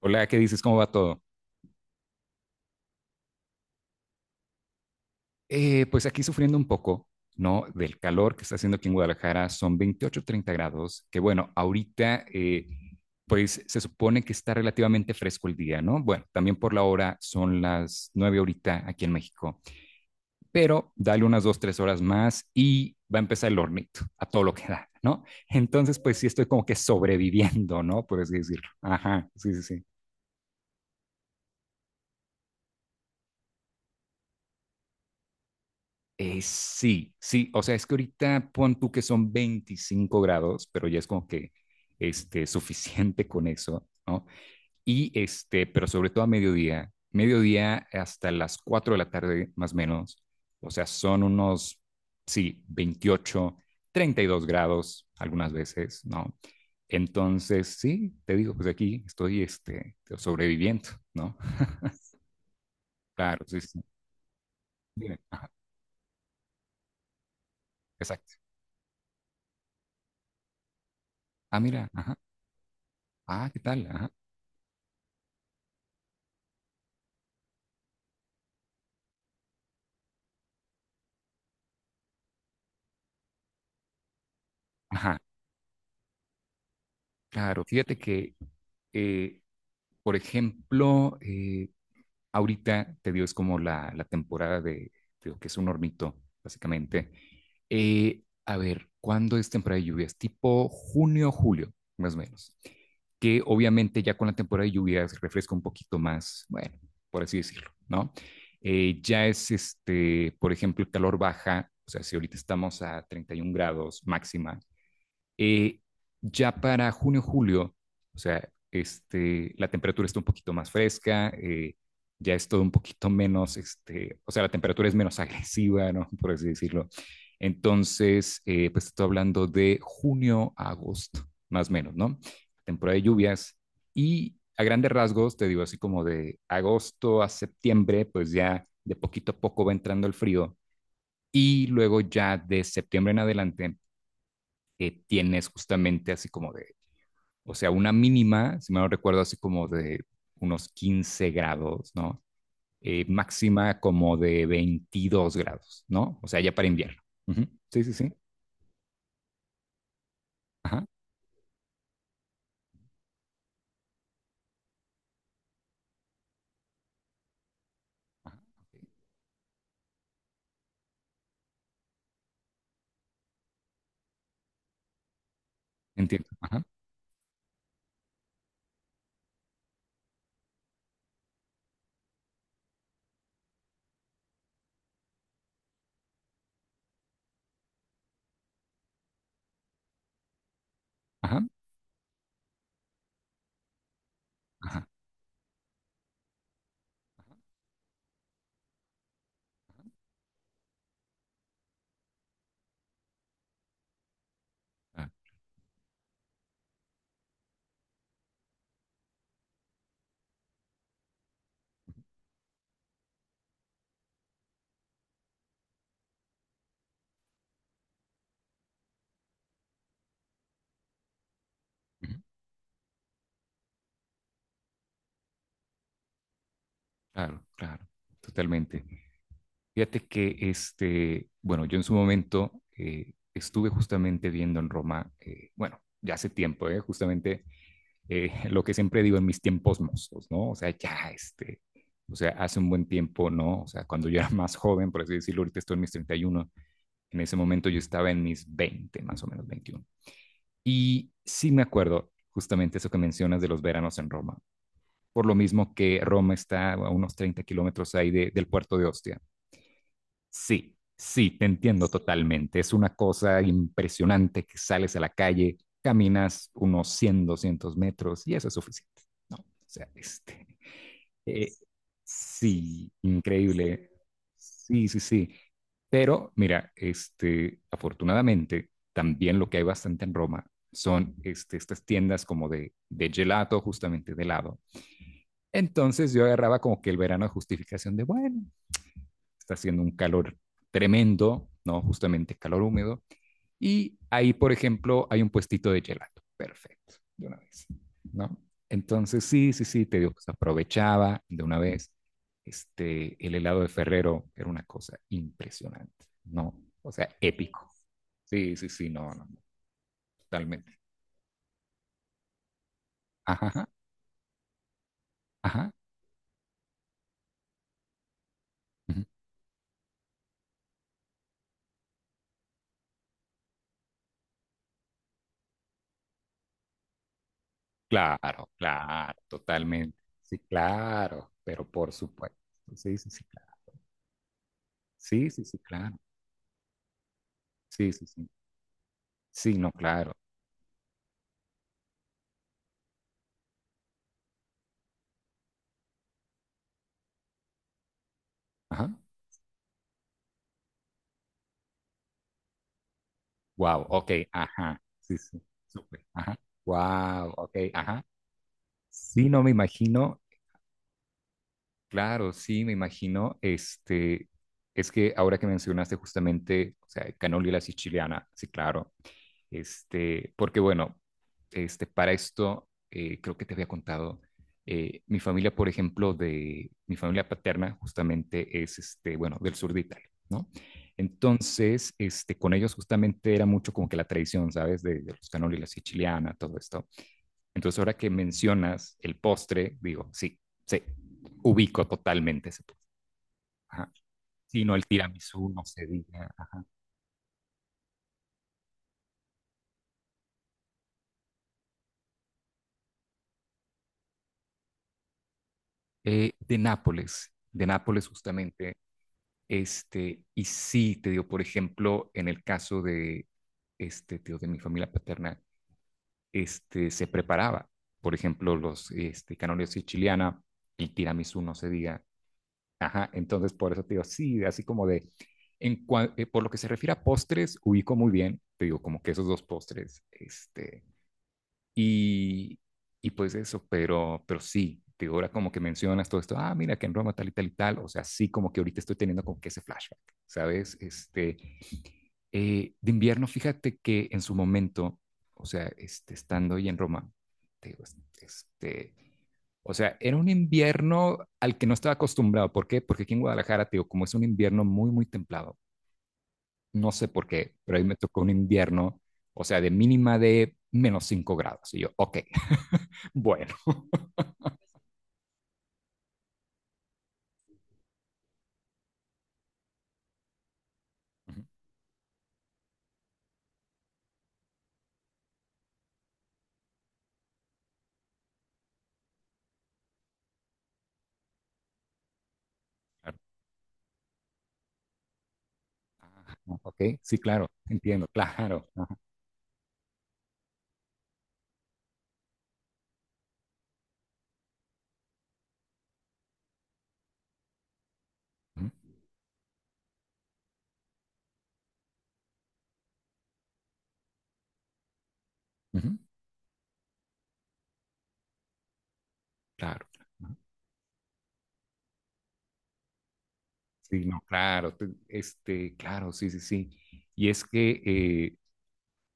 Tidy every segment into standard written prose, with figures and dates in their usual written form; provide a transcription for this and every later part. Hola, ¿qué dices? ¿Cómo va todo? Pues aquí sufriendo un poco, ¿no? Del calor que está haciendo aquí en Guadalajara, son 28, 30 grados, que bueno, ahorita pues se supone que está relativamente fresco el día, ¿no? Bueno, también por la hora son las 9 ahorita aquí en México, pero dale unas 2, 3 horas más y va a empezar el hornito, a todo lo que da, ¿no? Entonces, pues sí estoy como que sobreviviendo, ¿no? Por así decirlo. Ajá, sí, sí, sí. Sí, sí, o sea, es que ahorita pon tú que son 25 grados, pero ya es como que este, suficiente con eso, ¿no? Y este, pero sobre todo a mediodía, mediodía hasta las 4 de la tarde más o menos, o sea, son unos, sí, 28, 32 grados algunas veces, ¿no? Entonces, sí, te digo, pues aquí estoy este, sobreviviendo, ¿no? Claro, sí, sí. Dime, ajá, exacto. Ah, mira, ajá, ah, ¿qué tal? Ajá, ajá. Claro, fíjate que, eh, por ejemplo, ahorita te digo, es como la temporada de lo que es un hornito, básicamente. A ver, ¿cuándo es temporada de lluvias? Tipo junio, julio, más o menos. Que obviamente ya con la temporada de lluvias refresca un poquito más, bueno, por así decirlo, ¿no? Ya es, este, por ejemplo, el calor baja, o sea, si ahorita estamos a 31 grados máxima eh, ya para junio, julio, o sea, este, la temperatura está un poquito más fresca, ya es todo un poquito menos, este, o sea, la temperatura es menos agresiva, ¿no? Por así decirlo. Entonces, pues estoy hablando de junio a agosto, más o menos, ¿no? Temporada de lluvias y a grandes rasgos, te digo así como de agosto a septiembre, pues ya de poquito a poco va entrando el frío y luego ya de septiembre en adelante tienes justamente así como de, o sea, una mínima, si me no recuerdo, así como de unos 15 grados, ¿no? Máxima como de 22 grados, ¿no? O sea, ya para invierno. Ujú. Sí, sí, sí. Ajá, ajá, ok. Entiendo. Ajá, ajá, ajá. Ah, ujú. Claro, claro, totalmente. Fíjate que este, bueno, yo en su momento estuve justamente viendo en Roma, bueno, ya hace tiempo, justamente lo que siempre digo en mis tiempos mozos, ¿no? O sea, ya, este, o sea, hace un buen tiempo, ¿no? O sea, cuando yo era más joven, por así decirlo, ahorita estoy en mis 31, en ese momento yo estaba en mis 20 más o menos 21. Y sí me acuerdo justamente eso que mencionas de los veranos en Roma, por lo mismo que Roma está a unos 30 kilómetros ahí de, del puerto de Ostia. Sí, sí, te entiendo totalmente. Es una cosa impresionante que sales a la calle, caminas unos 100, 200 metros y eso es suficiente, ¿no? O sea, este, eh, sí, increíble. Sí, sí, sí. Pero mira, este, afortunadamente, también lo que hay bastante en Roma son este, estas tiendas como de gelato, justamente de helado. Entonces yo agarraba como que el verano de justificación de, bueno, está haciendo un calor tremendo, ¿no? Justamente calor húmedo. Y ahí, por ejemplo, hay un puestito de gelato. Perfecto, de una vez, ¿no? Entonces, sí, sí, sí, te digo, pues aprovechaba de una vez. Este, el helado de Ferrero era una cosa impresionante, ¿no? O sea, épico. Sí, sí, sí, no, no, no, totalmente. Ajá, ajá, ajá. Ujú. Claro, claro, totalmente. Sí, claro, pero por supuesto. Sí, sí, sí, claro. Sí, sí, sí, claro. Sí, sí, sí. Sí, no, claro. Ajá. Wow, ok, ajá. Sí, sí, súper. Ajá. Wow, ok, ajá. Sí, no me imagino, claro, sí, me imagino, este, es que ahora que mencionaste justamente, o sea, canola y la siciliana, sí, claro. Este, porque bueno, este, para esto creo que te había contado, mi familia, por ejemplo, de mi familia paterna justamente es, este, bueno, del sur de Italia, ¿no? Entonces, este, con ellos justamente era mucho como que la tradición, ¿sabes? De los canoli, la siciliana, todo esto. Entonces, ahora que mencionas el postre, digo, sí, sí, ubico totalmente ese postre. Ajá. Sí, no, el tiramisú, no se diga. Ajá. De Nápoles, de Nápoles justamente. Este, y sí, te digo, por ejemplo, en el caso de, este, te digo, de mi familia paterna, este, se preparaba, por ejemplo, los este, canales siciliana, el tiramisú, no se diga. Ajá, entonces por eso te digo, sí, así como de, por lo que se refiere a postres, ubico muy bien, te digo, como que esos dos postres, este, y, y pues eso, pero sí, te ahora como que mencionas todo esto, ah, mira que en Roma tal y tal y tal, o sea, sí como que ahorita estoy teniendo como que ese flashback, ¿sabes? Este, de invierno, fíjate que en su momento, o sea, este, estando ahí en Roma, te digo, este, o sea, era un invierno al que no estaba acostumbrado, ¿por qué? Porque aquí en Guadalajara, te digo, como es un invierno muy, muy templado, no sé por qué, pero ahí me tocó un invierno, o sea, de mínima de -5 grados, y yo, ok, bueno. Claro. Ah, ok, sí, claro, entiendo, claro. Ajá, ujú, ujú, claro. Ajá. Sí, no, claro, este, claro, sí, sí, sí. Y es que,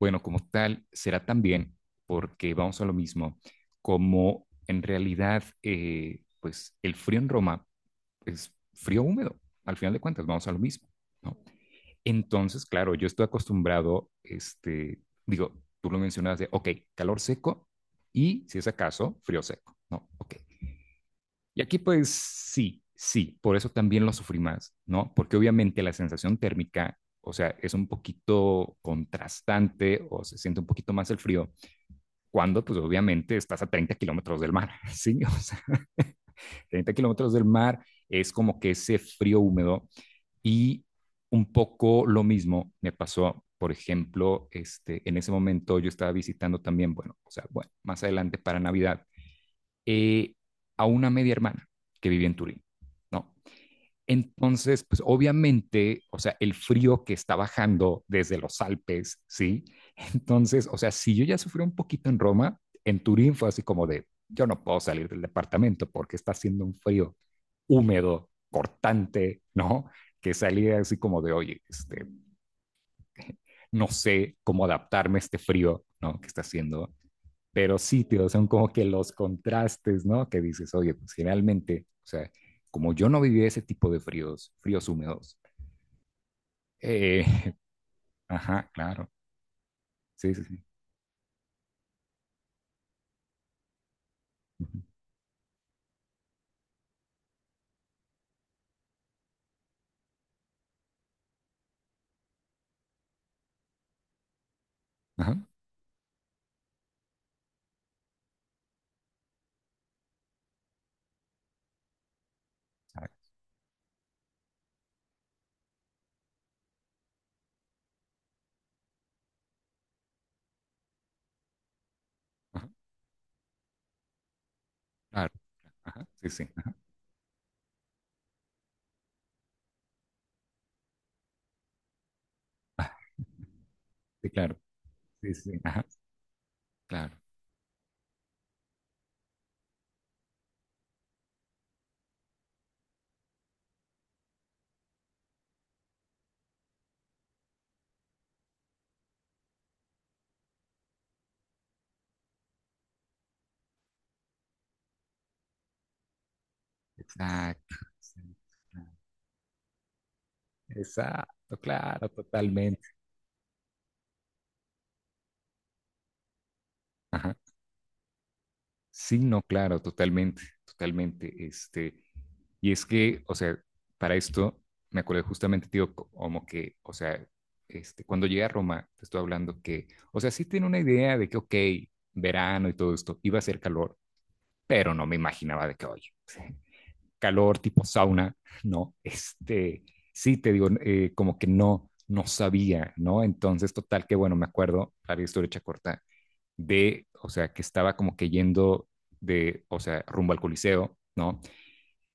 bueno, como tal, será también, porque vamos a lo mismo, como en realidad, pues el frío en Roma es frío húmedo, al final de cuentas, vamos a lo mismo, ¿no? Entonces, claro, yo estoy acostumbrado, este, digo, tú lo mencionabas de, ok, calor seco y, si es acaso, frío seco, ¿no? Ok. Y aquí pues sí, sí, por eso también lo sufrí más, ¿no? Porque obviamente la sensación térmica, o sea, es un poquito contrastante o se siente un poquito más el frío cuando pues obviamente estás a 30 kilómetros del mar, ¿sí? O sea, 30 kilómetros del mar es como que ese frío húmedo y un poco lo mismo me pasó, por ejemplo, este, en ese momento yo estaba visitando también, bueno, o sea, bueno, más adelante para Navidad, eh, a una media hermana que vivía en Turín, ¿no? Entonces, pues obviamente, o sea, el frío que está bajando desde los Alpes, ¿sí? Entonces, o sea, si yo ya sufrí un poquito en Roma, en Turín fue así como de, yo no puedo salir del departamento porque está haciendo un frío húmedo, cortante, ¿no? Que salía así como de, oye, este, no sé cómo adaptarme a este frío, ¿no? Que está haciendo. Pero sí, tío, son como que los contrastes, ¿no? Que dices, oye, pues generalmente, o sea, como yo no viví ese tipo de fríos, fríos húmedos. Eh, ajá, claro. Sí, sí, sí. Ujú. Ajá, ajá, ajá, claro. Ajá, sí, sí. Ajá. Ah, sí, claro. Sí, sí. Sí, ajá, claro. Exacto. Sí, claro. Exacto, claro, totalmente. Ajá. Sí, no, claro, totalmente, totalmente. Este, y es que, o sea, para esto me acuerdo justamente, tío, como que, o sea, este, cuando llegué a Roma, te estoy hablando que, o sea, sí tenía una idea de que, ok, verano y todo esto, iba a ser calor, pero no me imaginaba de que, oye, calor tipo sauna, no, este, sí te digo, como que no, no sabía, ¿no? Entonces, total, que bueno, me acuerdo, para la historia hecha corta, de, o sea, que estaba como que yendo de, o sea, rumbo al Coliseo, ¿no?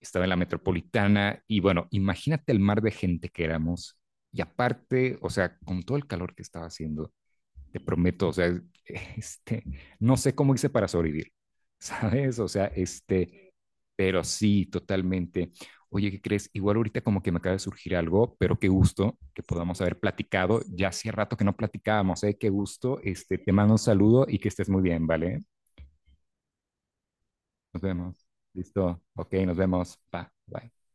Estaba en la metropolitana y bueno, imagínate el mar de gente que éramos y aparte, o sea, con todo el calor que estaba haciendo, te prometo, o sea, este, no sé cómo hice para sobrevivir, ¿sabes? O sea, este, pero sí, totalmente. Oye, ¿qué crees? Igual ahorita como que me acaba de surgir algo, pero qué gusto que podamos haber platicado. Ya hacía rato que no platicábamos, ¿eh? Qué gusto. Este, te mando un saludo y que estés muy bien, ¿vale? Nos vemos. Listo. Ok, nos vemos. Pa, bye.